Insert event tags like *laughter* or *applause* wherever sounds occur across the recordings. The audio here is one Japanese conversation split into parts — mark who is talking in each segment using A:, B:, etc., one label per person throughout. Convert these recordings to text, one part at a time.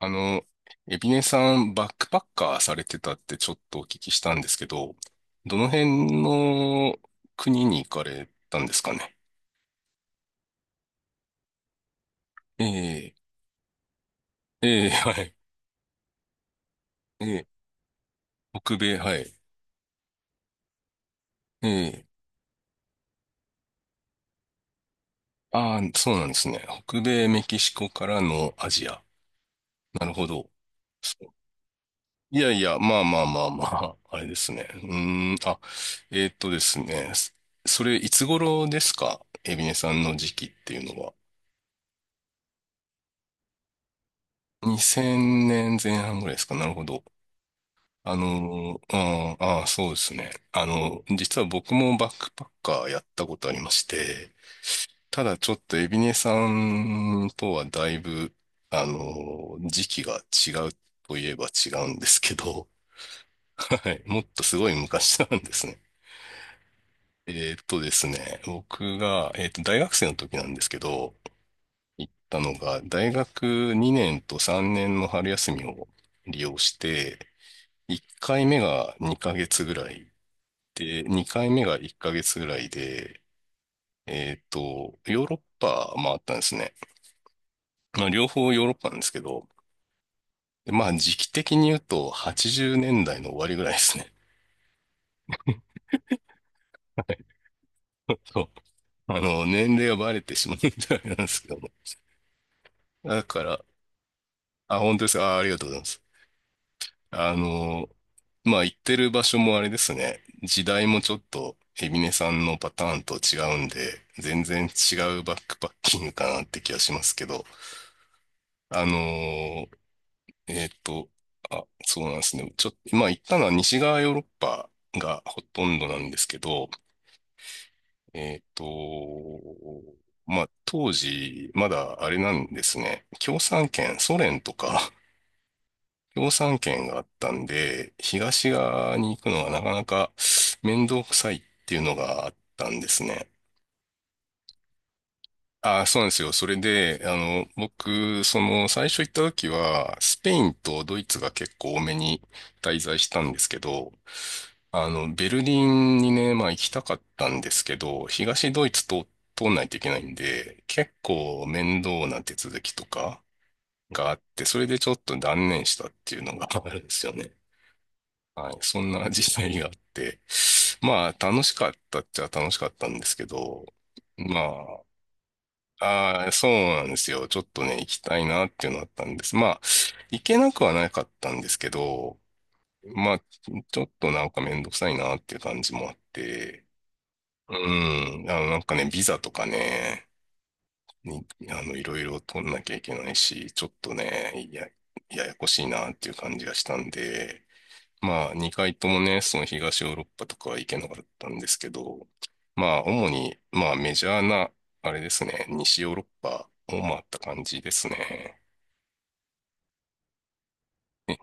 A: あの、エビネさん、バックパッカーされてたってちょっとお聞きしたんですけど、どの辺の国に行かれたんですかね？ええ、ええ、はい。ええ、北米、はい。ええ、ああ、そうなんですね。北米、メキシコからのアジア。なるほど。そう、いやいや、まあまあまあまあ、*laughs* あれですね。うーん、あ、ですね。それ、いつ頃ですかエビネさんの時期っていうのは？2000年前半ぐらいですか。なるほど。あの、ああ、ああそうですね。あの、実は僕もバックパッカーやったことありまして、ただちょっとエビネさんとはだいぶ、あの、時期が違うといえば違うんですけど、はい。もっとすごい昔なんですね。僕が、大学生の時なんですけど、行ったのが、大学2年と3年の春休みを利用して、1回目が2ヶ月ぐらいで、2回目が1ヶ月ぐらいで、ヨーロッパ回ったんですね。まあ、両方ヨーロッパなんですけど、でまあ、時期的に言うと80年代の終わりぐらいですね。*laughs* そう。あの、年齢がバレてしまうみたいなんですけども。だから、あ、本当ですか。あ、ありがとうございます。あの、まあ、行ってる場所もあれですね。時代もちょっと、海老根さんのパターンと違うんで、全然違うバックパッキングかなって気がしますけど、あのーえっと、あ、そうなんですね。ちょっと、まあ、行ったのは西側ヨーロッパがほとんどなんですけど、えっと、まあ、当時、まだあれなんですね。共産圏、ソ連とか共産圏があったんで、東側に行くのはなかなか面倒くさいっていうのがあったんですね。ああ、そうなんですよ。それで、あの、僕、その、最初行った時は、スペインとドイツが結構多めに滞在したんですけど、あの、ベルリンにね、まあ行きたかったんですけど、東ドイツと通んないといけないんで、結構面倒な手続きとかがあって、それでちょっと断念したっていうのがあるんですよね。はい、そんな *laughs* 実際があって、まあ楽しかったっちゃ楽しかったんですけど、まあ、ああ、そうなんですよ。ちょっとね、行きたいなっていうのあったんです。まあ、行けなくはなかったんですけど、まあ、ちょっとなんかめんどくさいなっていう感じもあって、うん、あの、なんかね、ビザとかね、に、あの、いろいろ取んなきゃいけないし、ちょっとね、や、ややこしいなっていう感じがしたんで、まあ、2回ともね、その東ヨーロッパとかは行けなかったんですけど、まあ、主に、まあ、メジャーな、あれですね、西ヨーロッパを回った感じですね。え、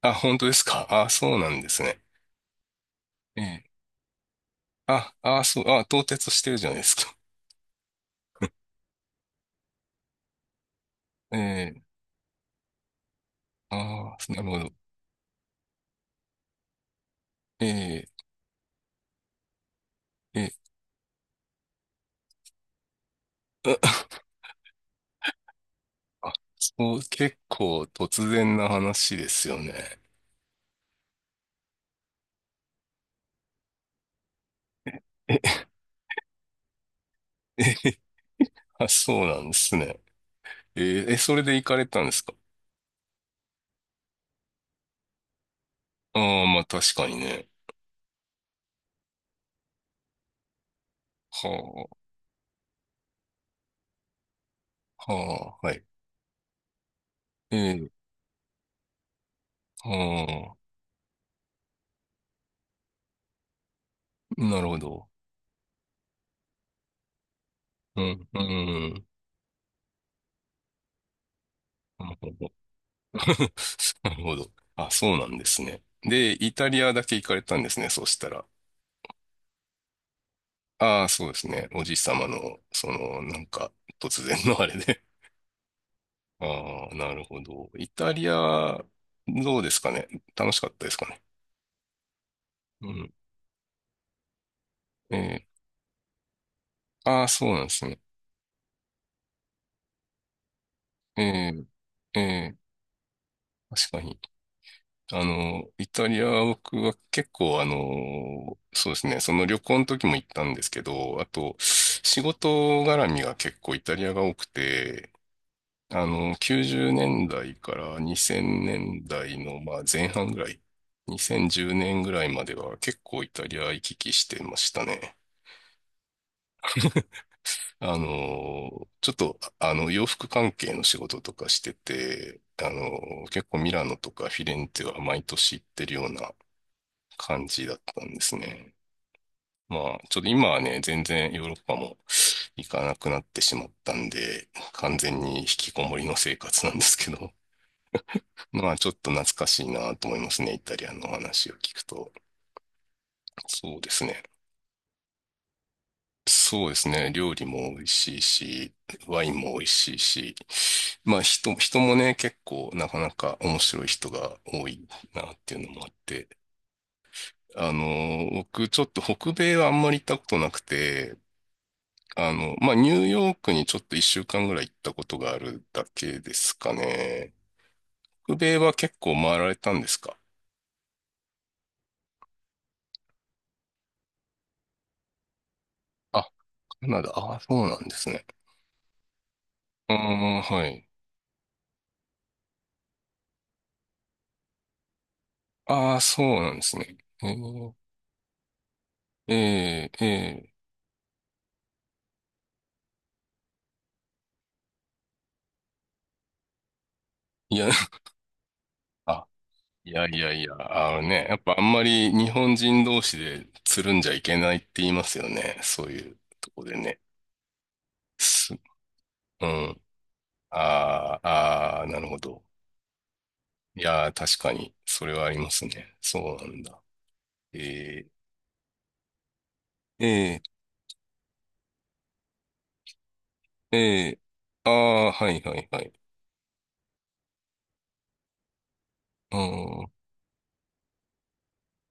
A: あ、本当ですか、あ、そうなんですね。ええ。あ、あ、そう、あ、到達してるじゃないですか。*laughs* ええ。ああ、なるほど。ええ、ええ、う、あ、そう、結構突然な話ですよね。え、え、あ、そうなんですね。ええ、え、それで行かれたんですか？ああ、まあ確かにね。はあ、はあ、はい。ええ、はあ、なるほど。うん、うん、なるほど。*laughs* なるほど。あ、そうなんですね。で、イタリアだけ行かれたんですね、そうしたら。ああ、そうですね。おじいさまの、その、なんか、突然のあれで。*laughs* ああ、なるほど。イタリア、どうですかね。楽しかったですかね？うん。ええ、ああ、そうなんですね。ええ、ええ、確かに。あの、イタリアは僕は結構あの、そうですね、その旅行の時も行ったんですけど、あと、仕事絡みが結構イタリアが多くて、あの、90年代から2000年代のまあ前半ぐらい、2010年ぐらいまでは結構イタリア行き来してましたね。あの、ちょっと、あの、洋服関係の仕事とかしてて、あの、結構ミラノとかフィレンツェは毎年行ってるような感じだったんですね。まあ、ちょっと今はね、全然ヨーロッパも行かなくなってしまったんで、完全に引きこもりの生活なんですけど、*laughs* まあ、ちょっと懐かしいなと思いますね。イタリアの話を聞くと。そうですね。そうですね。料理も美味しいし、ワインも美味しいし、まあ人、人もね、結構なかなか面白い人が多いなっていうのもあって、あの、僕ちょっと北米はあんまり行ったことなくて、あの、まあ、ニューヨークにちょっと一週間ぐらい行ったことがあるだけですかね。北米は結構回られたんですか？あ、カナダ。ああ、そうなんですね。うーん、はい。ああ、そうなんですね。えー、えー、えー、いや、*laughs* あ、いやいやいや、あのね、やっぱあんまり日本人同士でつるんじゃいけないって言いますよね。そういうとこでね。す、うん。ああ、ああ、なるほど。いやー、確かに、それはありますね。そうなんだ。えー、えー、えー、ああー、はいはいはい。うん。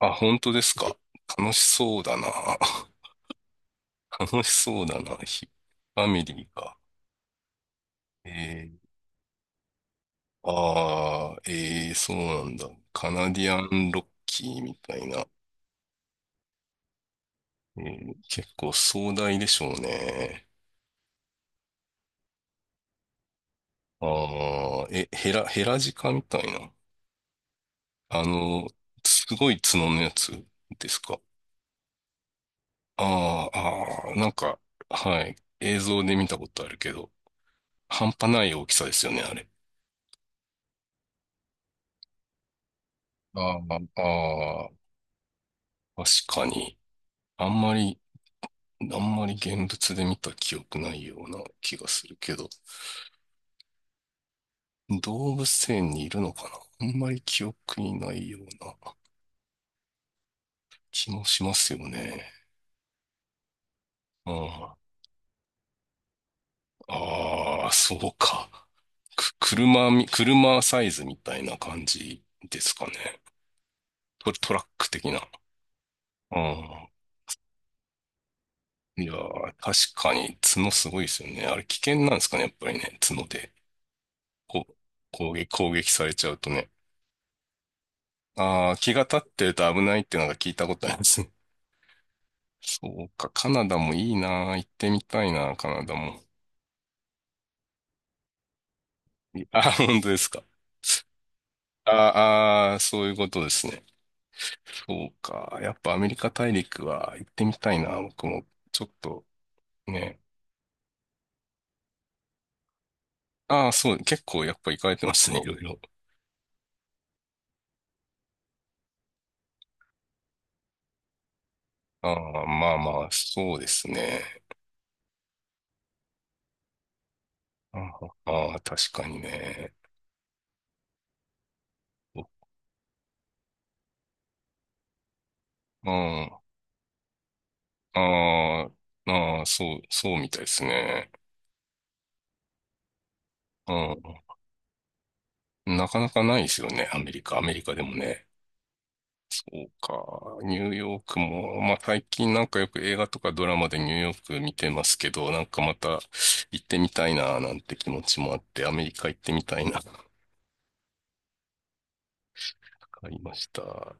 A: あ、本当ですか。楽しそうだな。*laughs* 楽しそうだな。ひ、ファミリーが。えー、ああ、えー、そうなんだ。カナディアンロッキーみたいな。えー、結構壮大でしょうね。ああ、え、ヘラ、ヘラジカみたいな。あの、すごい角のやつですか。ああ、ああ、なんか、はい。映像で見たことあるけど、半端ない大きさですよね、あれ。ああ、ああ、確かに。あんまり、あんまり現物で見た記憶ないような気がするけど、動物園にいるのかな、あんまり記憶にないような気もしますよね。うん。ああ、そうか。く、車み、車サイズみたいな感じですかね。ト、トラック的な。うん。いやー、確かに角すごいですよね。あれ危険なんですかね、やっぱりね、角で。こう、攻撃、攻撃されちゃうとね。ああ、気が立ってると危ないってなんか聞いたことありますね。*laughs* そうか、カナダもいいなー、行ってみたいなー、カナダも。いあー、*laughs* 本当ですか。あー、あ、そういうことですね。そうか、やっぱアメリカ大陸は行ってみたいな、僕も。ちょっとね。ああ、そう、結構やっぱ行かれてますね、いろいろ。ああ、まあまあ、そうですね。ああー、確かにね。うん。ああ、ああ、そう、そうみたいですね。うん。なかなかないですよね、アメリカ。アメリカでもね。そうか。ニューヨークも、まあ最近なんかよく映画とかドラマでニューヨーク見てますけど、なんかまた行ってみたいな、なんて気持ちもあって、アメリカ行ってみたいな、わかりました。